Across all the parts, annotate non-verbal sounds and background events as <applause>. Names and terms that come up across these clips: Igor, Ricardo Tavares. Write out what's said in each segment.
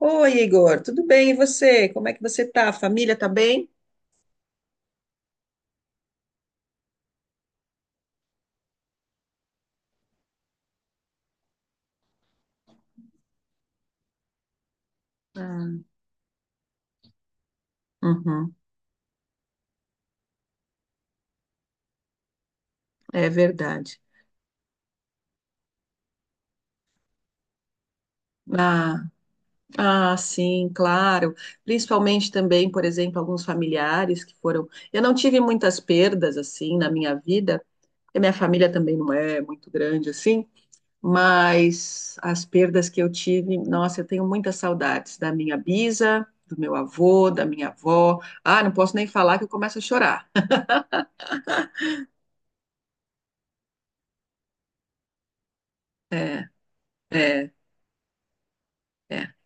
Oi, Igor, tudo bem? E você? Como é que você tá? A família tá bem? Ah, uhum, é verdade. Ah, ah, sim, claro. Principalmente também, por exemplo, alguns familiares que foram. Eu não tive muitas perdas assim na minha vida. E minha família também não é muito grande assim, mas as perdas que eu tive, nossa, eu tenho muitas saudades da minha bisa, do meu avô, da minha avó. Ah, não posso nem falar que eu começo a chorar. <laughs> É, é. É.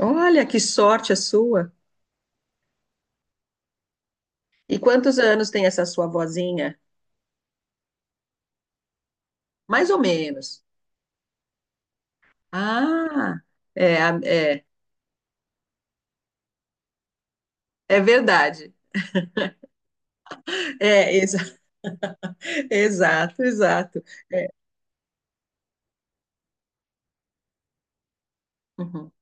Olha, que sorte a sua. E quantos anos tem essa sua vozinha? Mais ou menos. Ah, é, é, é verdade. É, exa- <laughs> exato, exato. Uhum,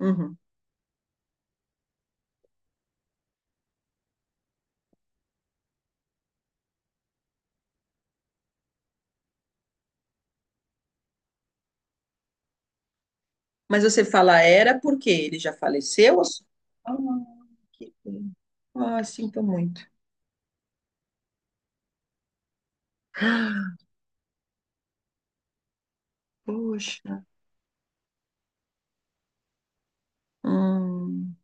uhum. Mas você fala era porque ele já faleceu? Ou Ah, que pena. Ah, sinto muito. Poxa. Hum,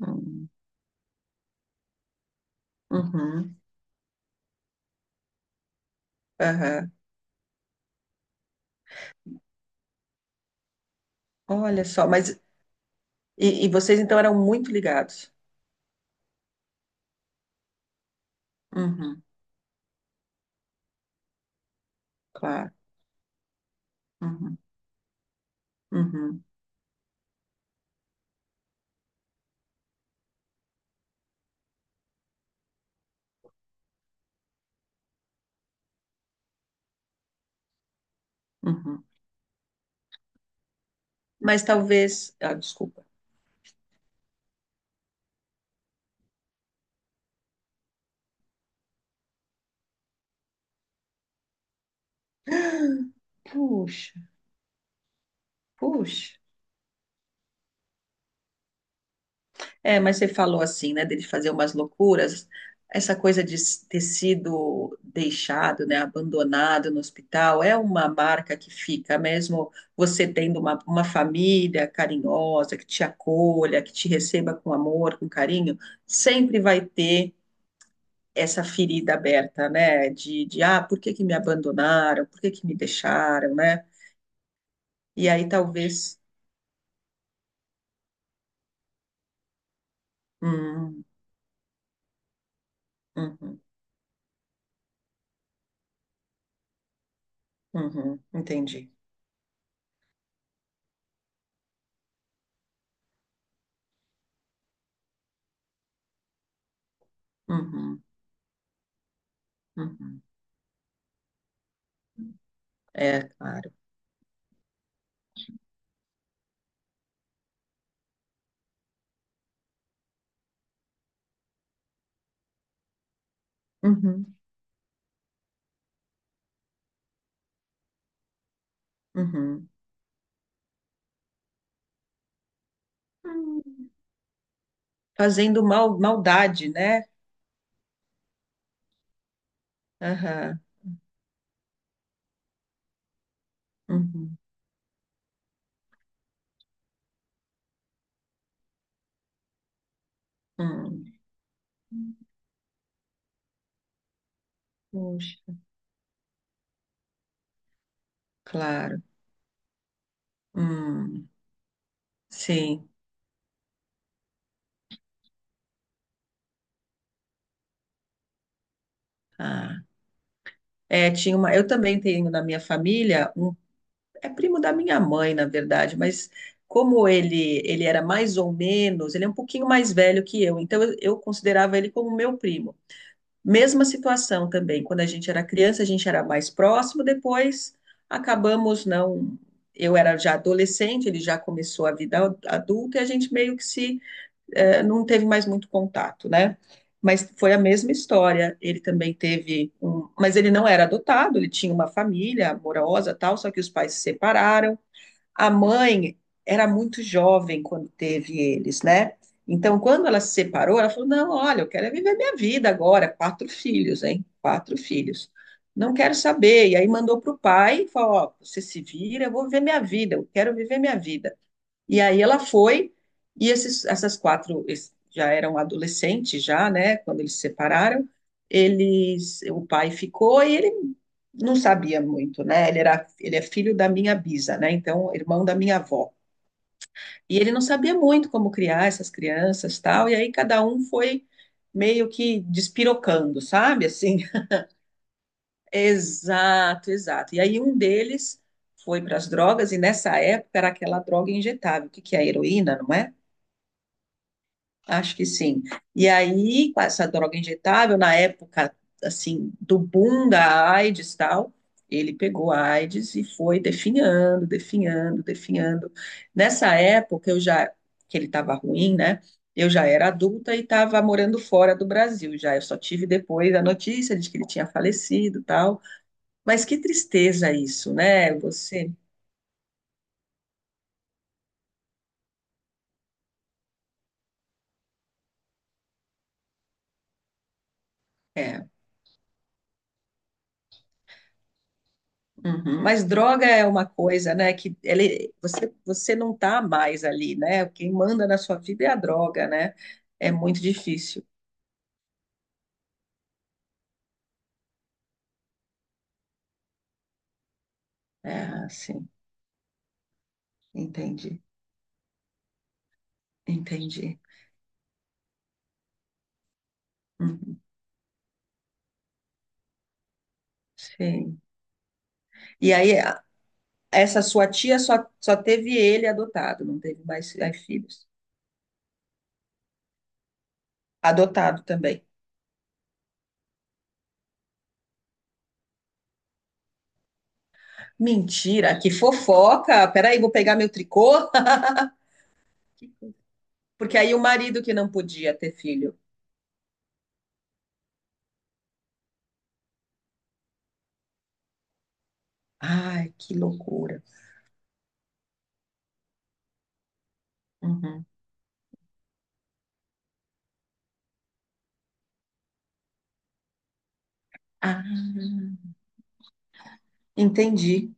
hum, uhum, aham. Olha só, mas e vocês então eram muito ligados? Uhum, claro. Uhum, uhum. Uhum. Mas talvez. Ah, desculpa. Puxa, puxa. É, mas você falou assim, né, dele fazer umas loucuras. Essa coisa de ter sido deixado, né, abandonado no hospital, é uma marca que fica, mesmo você tendo uma família carinhosa, que te acolha, que te receba com amor, com carinho, sempre vai ter essa ferida aberta, né, de ah, por que que me abandonaram, por que que me deixaram, né? E aí talvez. Hum, uhum, uhum, entendi. Uhum, uhum. É, claro. Uhum, uhum. Hum. Fazendo mal, maldade, né? Aham, uhum, hum. Puxa, claro. Hum, sim. Ah. É, tinha uma, eu também tenho na minha família um, é primo da minha mãe, na verdade, mas como ele era mais ou menos, ele é um pouquinho mais velho que eu, então eu considerava ele como meu primo. Mesma situação também, quando a gente era criança, a gente era mais próximo, depois acabamos não. Eu era já adolescente, ele já começou a vida adulta e a gente meio que se não teve mais muito contato, né? Mas foi a mesma história. Ele também teve um, mas ele não era adotado, ele tinha uma família amorosa, tal, só que os pais se separaram. A mãe era muito jovem quando teve eles, né? Então, quando ela se separou, ela falou: Não, olha, eu quero é viver minha vida agora. Quatro filhos, hein? Quatro filhos. Não quero saber. E aí mandou para o pai e falou: Ó, você se vira, eu vou viver minha vida, eu quero viver minha vida. E aí ela foi, e esses, já eram adolescentes, já, né? Quando eles se separaram, eles, o pai ficou e ele não sabia muito, né? Ele era, ele é filho da minha bisa, né? Então, irmão da minha avó. E ele não sabia muito como criar essas crianças, tal. E aí cada um foi meio que despirocando, sabe? Assim. <laughs> Exato, exato. E aí um deles foi para as drogas e nessa época era aquela droga injetável, o que que é heroína, não é? Acho que sim. E aí, com essa droga injetável, na época, assim, do boom da AIDS e tal, ele pegou a AIDS e foi definhando, definhando, definhando. Nessa época, eu já, que ele estava ruim, né? Eu já era adulta e estava morando fora do Brasil já. Eu só tive depois a notícia de que ele tinha falecido e tal. Mas que tristeza isso, né? Você. É. Uhum. Mas droga é uma coisa, né? Que ele, você, você não tá mais ali, né? Quem manda na sua vida é a droga, né? É muito difícil. É, assim, entendi, entendi. Uhum, sim. E aí, essa sua tia só, só teve ele adotado, não teve mais filhos. Adotado também. Mentira, que fofoca! Peraí, vou pegar meu tricô. <laughs> Porque aí o marido que não podia ter filho. Ai, que loucura. Uhum. Ah. Entendi.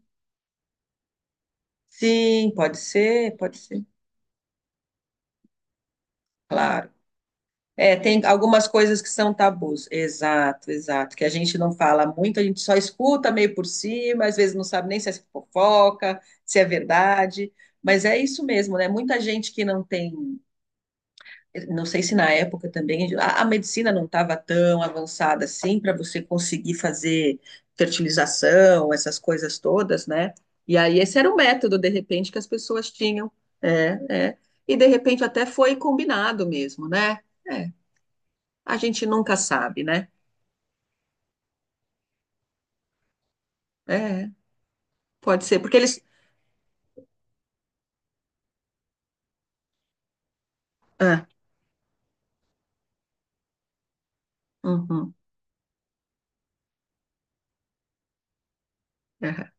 Sim, pode ser, claro. É, tem algumas coisas que são tabus. Exato, exato. Que a gente não fala muito, a gente só escuta meio por cima, às vezes não sabe nem se é fofoca, se é verdade. Mas é isso mesmo, né? Muita gente que não tem. Não sei se na época também a medicina não estava tão avançada assim para você conseguir fazer fertilização, essas coisas todas, né? E aí esse era o método, de repente, que as pessoas tinham. É, é. E de repente até foi combinado mesmo, né? É, a gente nunca sabe, né? É, pode ser, porque eles. Ah, uhum, é,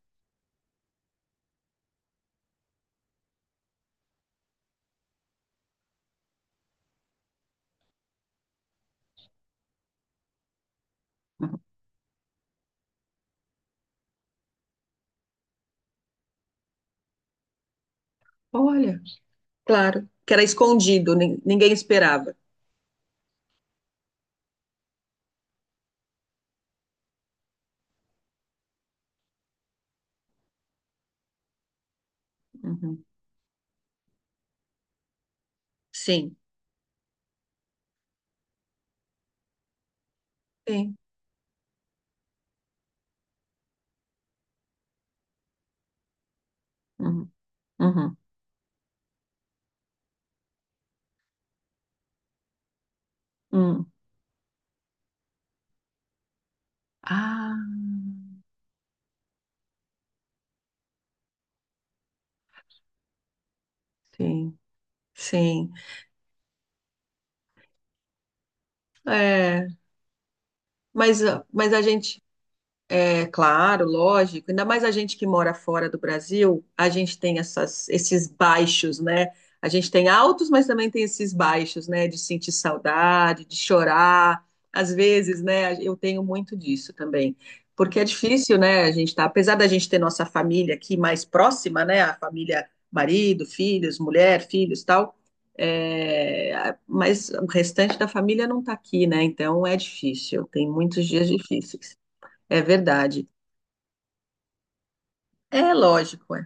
uhum. Olha, claro, que era escondido, ninguém esperava. Uhum, sim, sim. Uhum, uhum, uhum. Ah, sim, sim. É, mas, ah, mas a gente. É claro, lógico. Ainda mais a gente que mora fora do Brasil, a gente tem essas, esses baixos, né? A gente tem altos, mas também tem esses baixos, né? De sentir saudade, de chorar. Às vezes, né? Eu tenho muito disso também. Porque é difícil, né? A gente tá, apesar da gente ter nossa família aqui mais próxima, né? A família, marido, filhos, mulher, filhos, tal. É, mas o restante da família não tá aqui, né? Então é difícil. Tem muitos dias difíceis. É verdade. É lógico, é.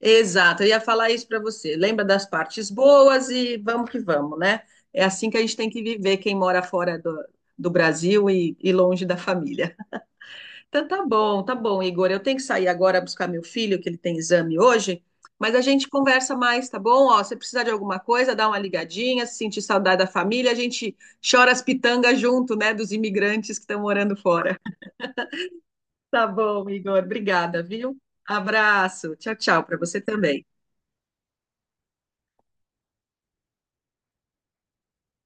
Exato, eu ia falar isso para você. Lembra das partes boas e vamos que vamos, né? É assim que a gente tem que viver, quem mora fora do, do Brasil e longe da família. Então tá bom, Igor. Eu tenho que sair agora buscar meu filho, que ele tem exame hoje, mas a gente conversa mais, tá bom? Ó, se precisar de alguma coisa, dá uma ligadinha, se sentir saudade da família, a gente chora as pitangas junto, né, dos imigrantes que estão morando fora. Tá bom, Igor. Obrigada, viu? Abraço. Tchau, tchau para você também.